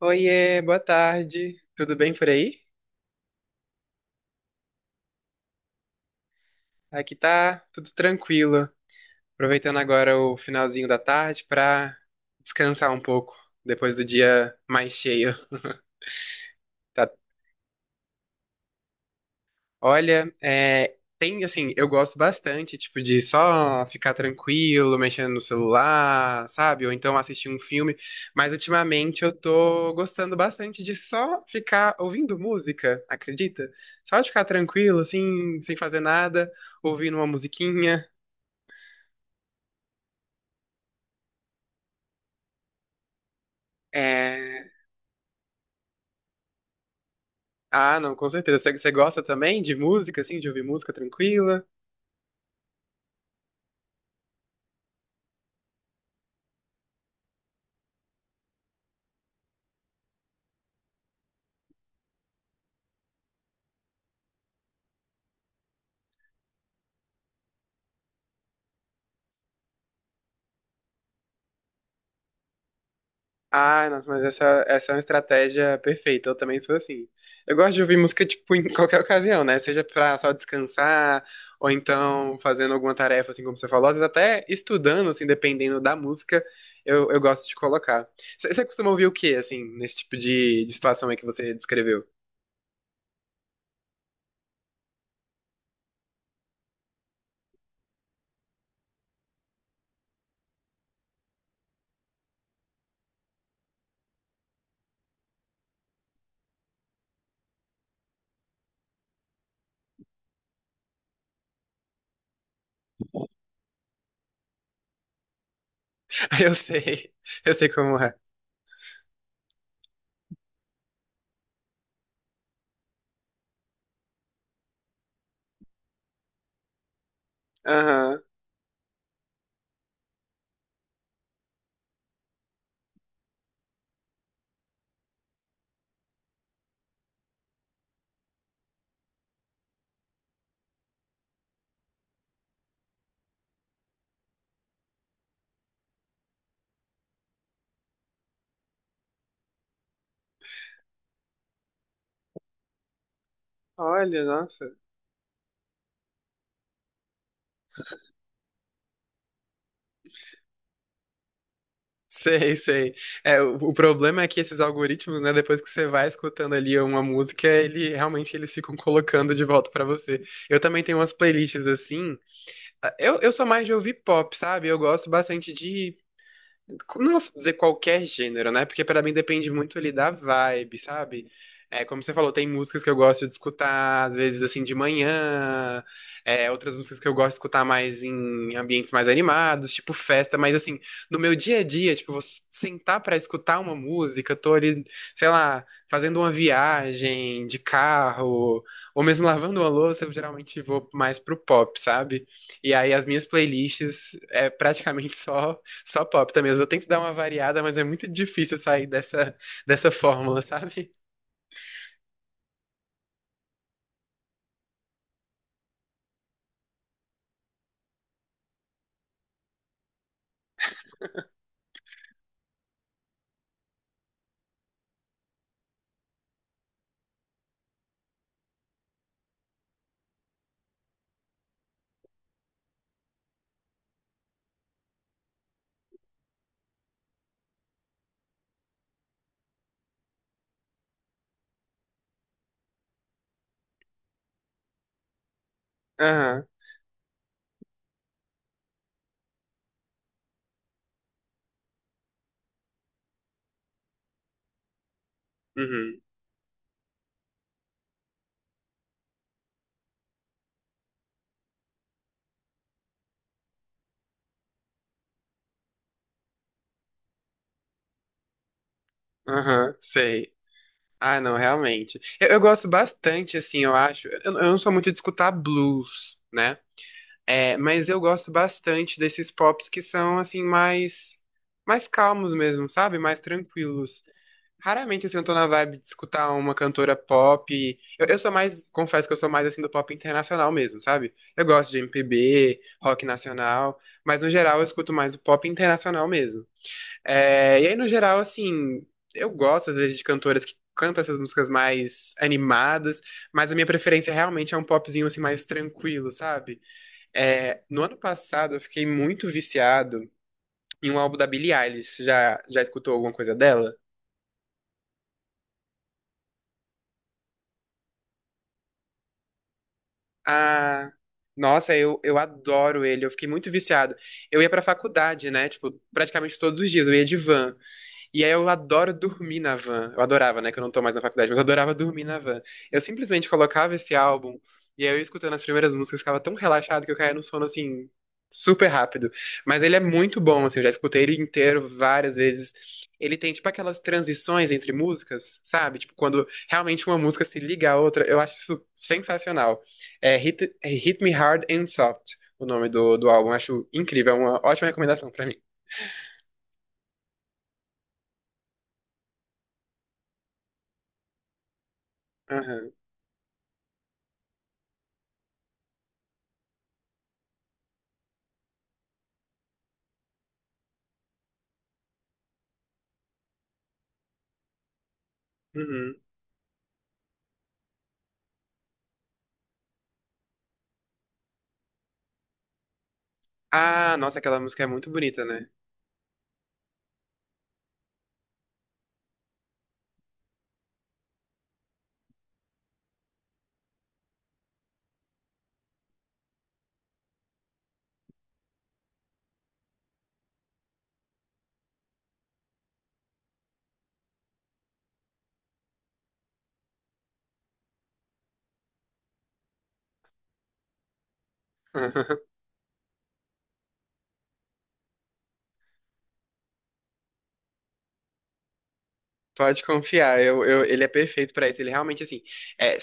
Oiê, boa tarde. Tudo bem por aí? Aqui tá tudo tranquilo. Aproveitando agora o finalzinho da tarde pra descansar um pouco depois do dia mais cheio. Tá? Olha, é, tem assim, eu gosto bastante, tipo, de só ficar tranquilo, mexendo no celular, sabe? Ou então assistir um filme. Mas ultimamente eu tô gostando bastante de só ficar ouvindo música, acredita? Só de ficar tranquilo, assim, sem fazer nada ouvindo uma musiquinha. É. Ah, não, com certeza. Você gosta também de música, assim, de ouvir música tranquila? Ah, nossa, mas essa é uma estratégia perfeita. Eu também sou assim. Eu gosto de ouvir música, tipo, em qualquer ocasião, né? Seja pra só descansar, ou então fazendo alguma tarefa, assim, como você falou. Às vezes até estudando, assim, dependendo da música, eu gosto de colocar. Você costuma ouvir o quê, assim, nesse tipo de situação aí que você descreveu? Eu sei, eu sei como é. Aham. Olha, nossa. Sei, sei. É, o problema é que esses algoritmos, né, depois que você vai escutando ali uma música, ele realmente eles ficam colocando de volta pra você. Eu também tenho umas playlists assim. Ah, eu sou mais de ouvir pop, sabe? Eu gosto bastante de não vou dizer qualquer gênero, né? Porque pra mim depende muito ali da vibe, sabe? É, como você falou, tem músicas que eu gosto de escutar, às vezes assim de manhã, é, outras músicas que eu gosto de escutar mais em ambientes mais animados, tipo festa, mas assim, no meu dia a dia, tipo, vou sentar pra escutar uma música, tô ali, sei lá, fazendo uma viagem de carro, ou mesmo lavando uma louça, eu geralmente vou mais pro pop, sabe? E aí as minhas playlists é praticamente só. Só pop também. Às vezes eu tento dar uma variada, mas é muito difícil sair dessa fórmula, sabe? Aham, uhum, aham, sei. Ah, não, realmente. Eu gosto bastante, assim, eu acho. Eu não sou muito de escutar blues, né? É, mas eu gosto bastante desses pops que são assim mais calmos mesmo, sabe? Mais tranquilos. Raramente assim, eu tô na vibe de escutar uma cantora pop. Eu sou mais, confesso que eu sou mais assim do pop internacional mesmo, sabe? Eu gosto de MPB, rock nacional, mas no geral eu escuto mais o pop internacional mesmo. É, e aí no geral assim, eu gosto às vezes de cantoras que cantam essas músicas mais animadas, mas a minha preferência realmente é um popzinho assim mais tranquilo, sabe? É, no ano passado eu fiquei muito viciado em um álbum da Billie Eilish. Já escutou alguma coisa dela? Ah, nossa, eu adoro ele. Eu fiquei muito viciado. Eu ia pra faculdade, né? Tipo, praticamente todos os dias. Eu ia de van. E aí eu adoro dormir na van. Eu adorava, né? Que eu não tô mais na faculdade, mas eu adorava dormir na van. Eu simplesmente colocava esse álbum e aí eu escutando as primeiras músicas ficava tão relaxado que eu caía no sono assim super rápido. Mas ele é muito bom, assim, eu já escutei ele inteiro várias vezes. Ele tem tipo aquelas transições entre músicas, sabe? Tipo quando realmente uma música se liga à outra, eu acho isso sensacional. É Hit Me Hard and Soft, o nome do álbum, acho incrível, é uma ótima recomendação pra mim. Aham. Uhum. Ah, nossa, aquela música é muito bonita, né? Pode confiar, ele é perfeito pra isso. Ele realmente, assim, é, é,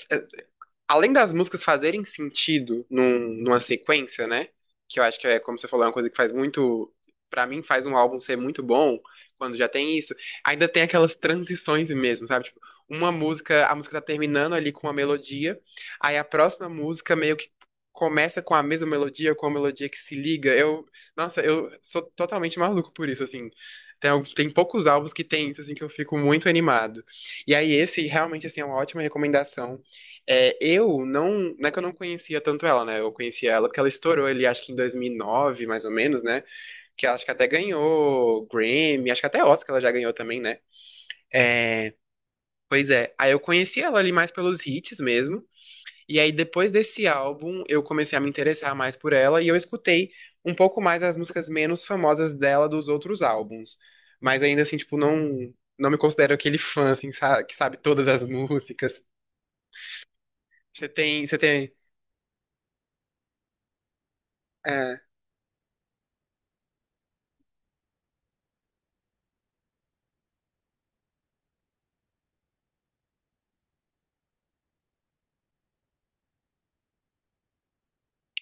além das músicas fazerem sentido numa sequência, né? Que eu acho que é, como você falou, é uma coisa que faz muito. Pra mim, faz um álbum ser muito bom quando já tem isso. Ainda tem aquelas transições mesmo, sabe? Tipo, uma música, a música tá terminando ali com uma melodia, aí a próxima música meio que começa com a mesma melodia, ou com a melodia que se liga. Nossa, eu sou totalmente maluco por isso, assim. Tem poucos álbuns que tem isso, assim, que eu fico muito animado. E aí, esse realmente, assim, é uma ótima recomendação. É, eu não, não é que eu não conhecia tanto ela, né? Eu conhecia ela porque ela estourou ele, acho que em 2009 mais ou menos, né? Que ela acho que até ganhou Grammy, acho que até Oscar ela já ganhou também, né? É, pois é. Aí eu conheci ela ali mais pelos hits mesmo. E aí depois desse álbum eu comecei a me interessar mais por ela e eu escutei um pouco mais as músicas menos famosas dela dos outros álbuns. Mas ainda assim, tipo, não, não me considero aquele fã, assim, que sabe todas as músicas. Você tem, você tem. É,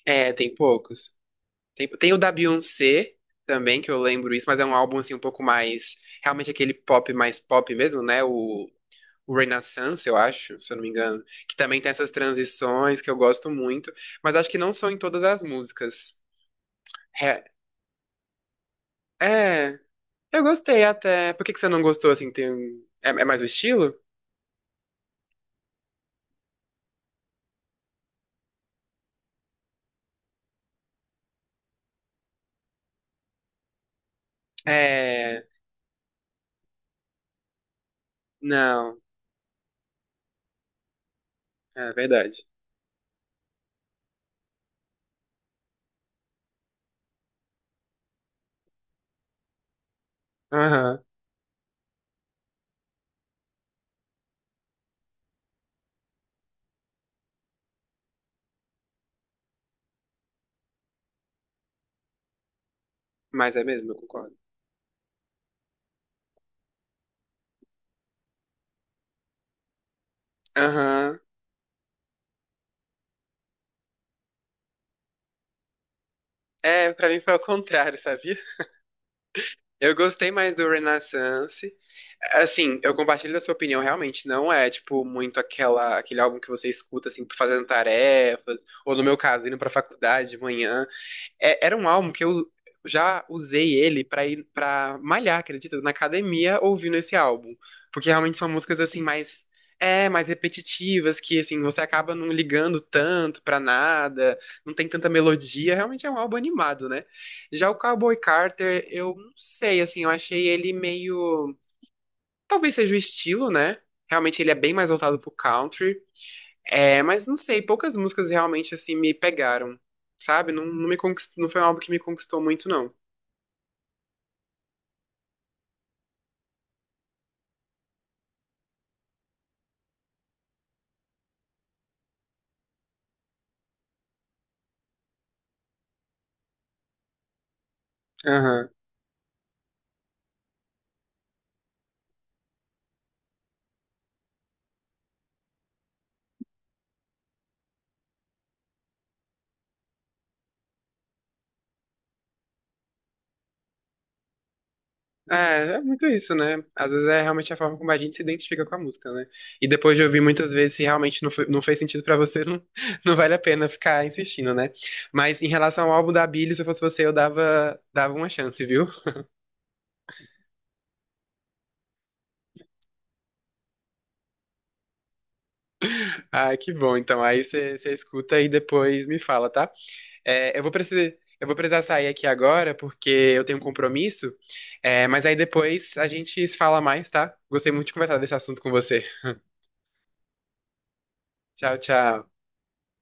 é, tem poucos. Tem o da Beyoncé também, que eu lembro isso, mas é um álbum assim um pouco mais. Realmente aquele pop mais pop mesmo, né? O Renaissance, eu acho, se eu não me engano. Que também tem essas transições que eu gosto muito, mas acho que não são em todas as músicas. É, é, eu gostei até. Por que que você não gostou assim? É mais o estilo? É. Não, é verdade. Aham, mas é mesmo, eu concordo. Aham. É, pra mim foi ao contrário, sabia? Eu gostei mais do Renaissance. Assim, eu compartilho da sua opinião, realmente não é, tipo, muito aquele álbum que você escuta, assim, fazendo tarefas, ou no meu caso, indo pra faculdade de manhã. Era um álbum que eu já usei ele pra ir para malhar, acredita? Na academia ouvindo esse álbum, porque realmente são músicas assim mais mais repetitivas, que assim você acaba não ligando tanto pra nada, não tem tanta melodia, realmente é um álbum animado, né? Já o Cowboy Carter, eu não sei, assim, eu achei ele meio, talvez seja o estilo, né? Realmente ele é bem mais voltado pro country. É, mas não sei, poucas músicas realmente assim me pegaram, sabe? Não, não foi um álbum que me conquistou muito, não. Aham. É, é muito isso, né? Às vezes é realmente a forma como a gente se identifica com a música, né? E depois de ouvir muitas vezes, se realmente não, não fez sentido pra você, não, não vale a pena ficar insistindo, né? Mas em relação ao álbum da Billie, se eu fosse você, eu dava uma chance, viu? Ah, que bom. Então aí você escuta e depois me fala, tá? É, eu vou precisar sair aqui agora porque eu tenho um compromisso. É, mas aí depois a gente se fala mais, tá? Gostei muito de conversar desse assunto com você. Tchau, tchau.